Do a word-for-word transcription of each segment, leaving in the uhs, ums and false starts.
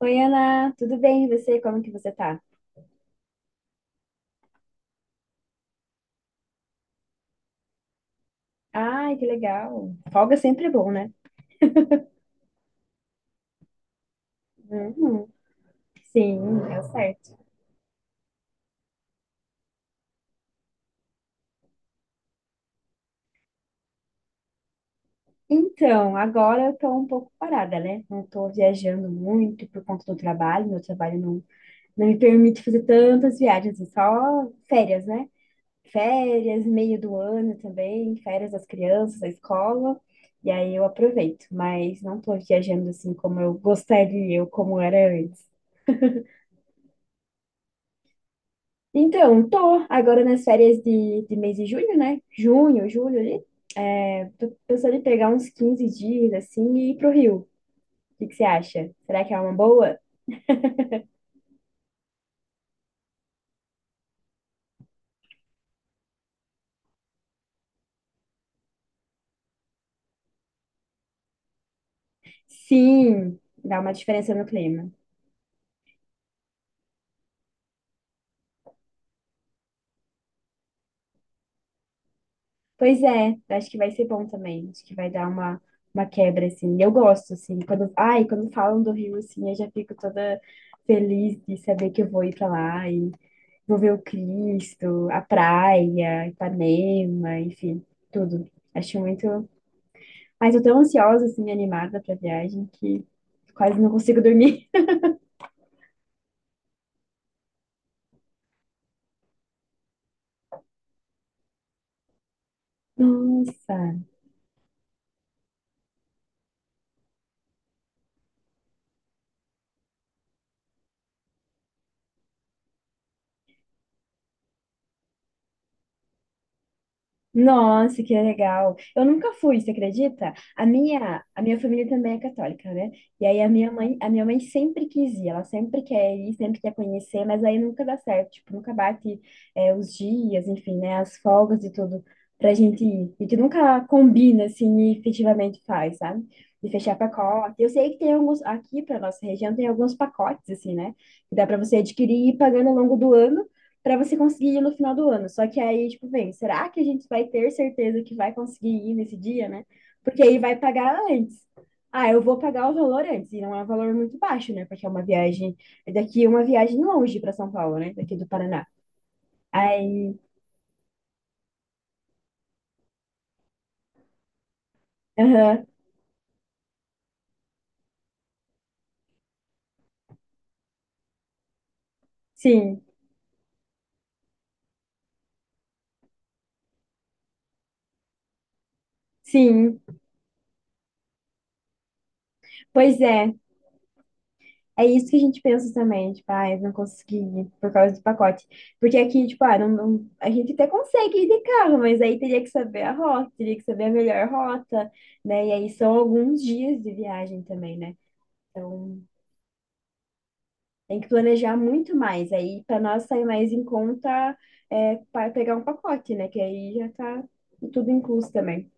Oi, Ana, tudo bem? E você? Como que você tá? Ai, que legal. Folga sempre é bom, né? Uhum. Sim, é o certo. Então, agora eu tô um pouco parada, né? Não tô viajando muito por conta do trabalho. Meu trabalho não, não me permite fazer tantas viagens, é só férias, né? Férias, meio do ano também, férias das crianças, da escola. E aí eu aproveito, mas não tô viajando assim como eu gostaria, ou como era antes. Então, tô agora nas férias de, de mês de junho, né? Junho, julho ali. É, tô pensando em pegar uns quinze dias, assim, e ir pro Rio. O que que você acha? Será que é uma boa? Sim, dá uma diferença no clima. Pois é, acho que vai ser bom também. Acho que vai dar uma, uma quebra, assim. Eu gosto, assim, quando... Ai, quando falam do Rio, assim, eu já fico toda feliz de saber que eu vou ir pra lá e vou ver o Cristo, a praia, Ipanema, enfim, tudo. Acho muito... Mas eu tô tão ansiosa, assim, animada pra viagem, que quase não consigo dormir. Nossa! Nossa, que legal. Eu nunca fui, você acredita? A minha, a minha família também é católica, né? E aí a minha mãe, a minha mãe sempre quis ir, ela sempre quer ir, sempre quer conhecer, mas aí nunca dá certo, tipo, nunca bate, é, os dias, enfim, né, as folgas e tudo pra gente ir. E que nunca combina, assim, e efetivamente faz, sabe? De fechar pacote. Eu sei que tem alguns, aqui pra nossa região tem alguns pacotes, assim, né? Que dá pra você adquirir e ir pagando ao longo do ano para você conseguir ir no final do ano. Só que aí, tipo, vem, será que a gente vai ter certeza que vai conseguir ir nesse dia, né? Porque aí vai pagar antes. Ah, eu vou pagar o valor antes, e não é um valor muito baixo, né? Porque é uma viagem, é daqui uma viagem longe para São Paulo, né? Daqui do Paraná. Aí, aham, sim, sim. Pois é. É isso que a gente pensa também, tipo, ai, não consegui por causa do pacote. Porque aqui, tipo, ah, não, não- a gente até consegue ir de carro, mas aí teria que saber a rota, teria que saber a melhor rota, né? E aí são alguns dias de viagem também, né? Então tem que planejar muito mais. Aí para nós sair mais em conta é, para pegar um pacote, né? Que aí já tá tudo incluso também.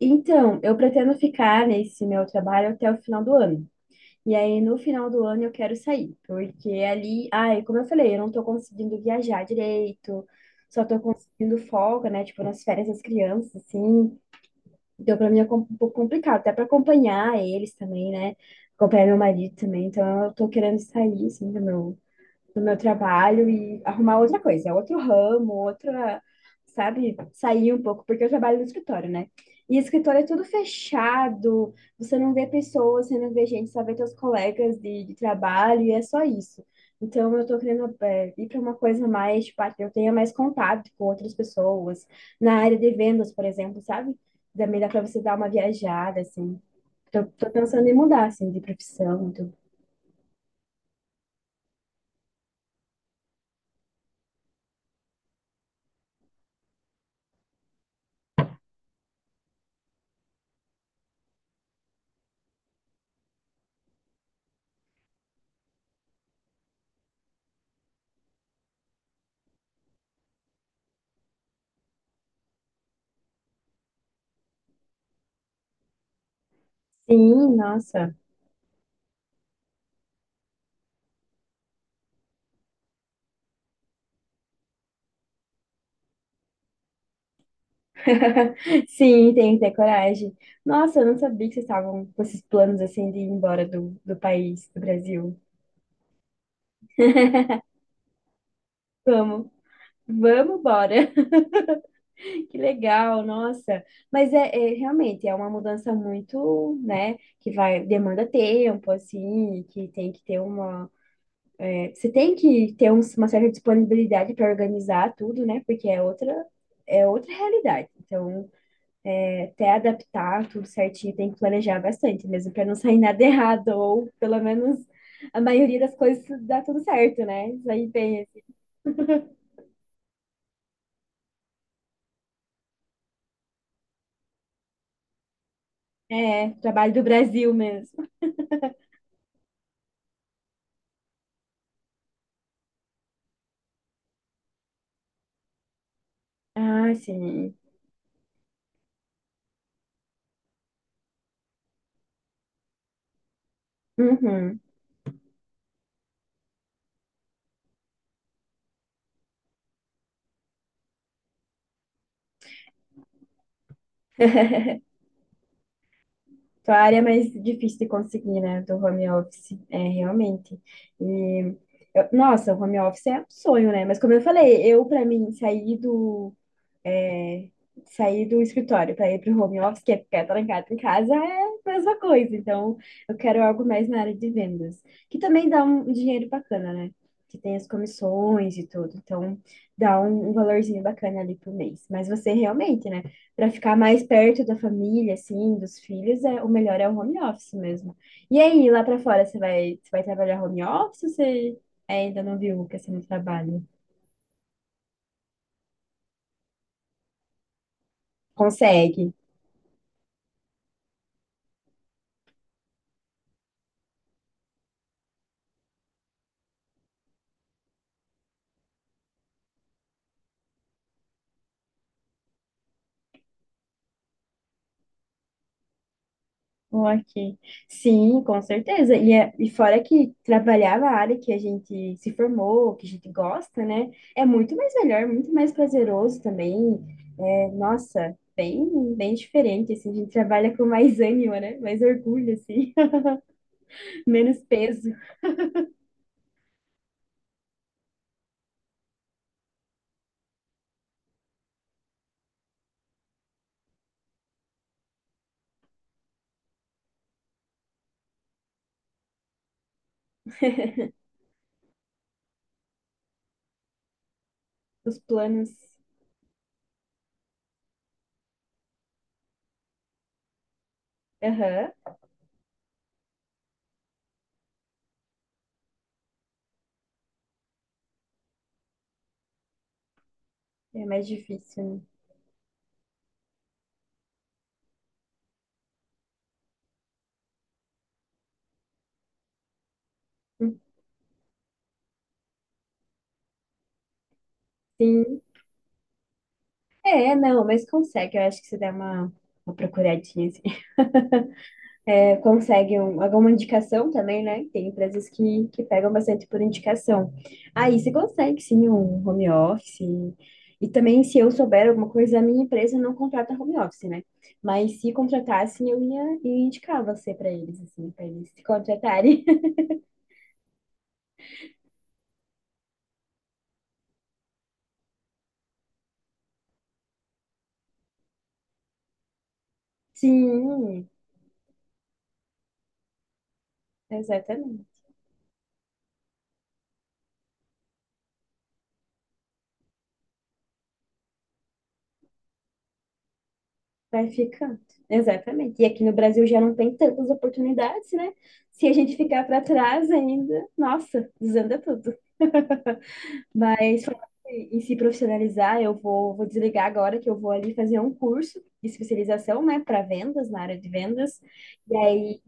Então, eu pretendo ficar nesse meu trabalho até o final do ano. E aí, no final do ano, eu quero sair, porque ali, ai, como eu falei, eu não tô conseguindo viajar direito, só tô conseguindo folga, né? Tipo, nas férias das crianças, assim. Então, pra mim é com- um pouco complicado, até pra acompanhar eles também, né? Acompanhar meu marido também. Então, eu tô querendo sair, assim, do meu do meu trabalho e arrumar outra coisa, é outro ramo, outra, sabe, sair um pouco, porque eu trabalho no escritório, né? E escritório é tudo fechado, você não vê pessoas, você não vê gente, só vê teus colegas de, de trabalho e é só isso. Então, eu tô querendo é, ir para uma coisa mais, tipo, ah, que eu tenha mais contato com outras pessoas, na área de vendas, por exemplo, sabe? Também dá para você dar uma viajada, assim. Tô, tô pensando em mudar, assim, de profissão. Tudo. Sim, nossa. Sim, tem que ter coragem. Nossa, eu não sabia que vocês estavam com esses planos assim de ir embora do, do país, do Brasil. Vamos, vamos bora. Que legal, nossa. Mas é, é, realmente é uma mudança muito, né, que vai, demanda tempo, assim, que tem que ter uma. É, você tem que ter um- uma certa disponibilidade para organizar tudo, né? Porque é outra, é outra realidade. Então, até adaptar tudo certinho, tem que planejar bastante mesmo, para não sair nada errado, ou pelo menos a maioria das coisas dá tudo certo, né? Isso aí bem, assim, é, trabalho do Brasil mesmo. Ah, sim. Uhum. Tua área é mais difícil de conseguir, né? Do home office, é, realmente. E, eu- nossa, o home office é um sonho, né? Mas como eu falei, eu, para mim, sair do sair do escritório para ir para o home office, que é ficar trancado em casa, é a mesma coisa. Então, eu quero algo mais na área de vendas, que também dá um dinheiro bacana, né? Que tem as comissões e tudo. Então, dá um, um valorzinho bacana ali por mês. Mas você realmente, né? Para ficar mais perto da família, assim, dos filhos, é, o melhor é o home office mesmo. E aí, lá para fora, você vai, você vai trabalhar home office ou você ainda não viu que você não trabalha? Consegue. Ou aqui. Sim, com certeza. E, é- e fora que trabalhar na área que a gente se formou, que a gente gosta, né? É muito mais melhor, muito mais prazeroso também. É, nossa, bem, bem diferente, assim. A gente trabalha com mais ânimo, né? Mais orgulho, assim. Menos peso. Os planos. Aham. É mais difícil, né? Sim. É, não, mas consegue. Eu acho que você dá uma, uma procuradinha, assim. É, conseguem um- alguma indicação também, né? Tem empresas que, que pegam bastante por indicação. Aí você consegue sim um home office. E também, se eu souber alguma coisa, a minha empresa não contrata home office, né? Mas se contratassem, eu ia, ia indicar você para eles, assim, para eles se contratarem. Sim, exatamente. Vai ficando. Exatamente. E aqui no Brasil já não tem tantas oportunidades, né? Se a gente ficar para trás ainda, nossa, desanda tudo. Mas falando em em se profissionalizar, eu vou, vou desligar agora que eu vou ali fazer um curso de especialização, né, para vendas, na área de vendas. E aí,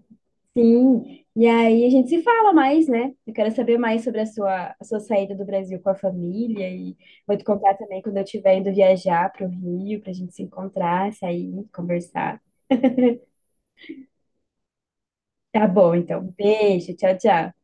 sim, e aí a gente se fala mais, né? Eu quero saber mais sobre a sua, a sua saída do Brasil com a família e vou te contar também quando eu estiver indo viajar para o Rio, para a gente se encontrar, sair, conversar. Tá bom, então. Beijo, tchau, tchau.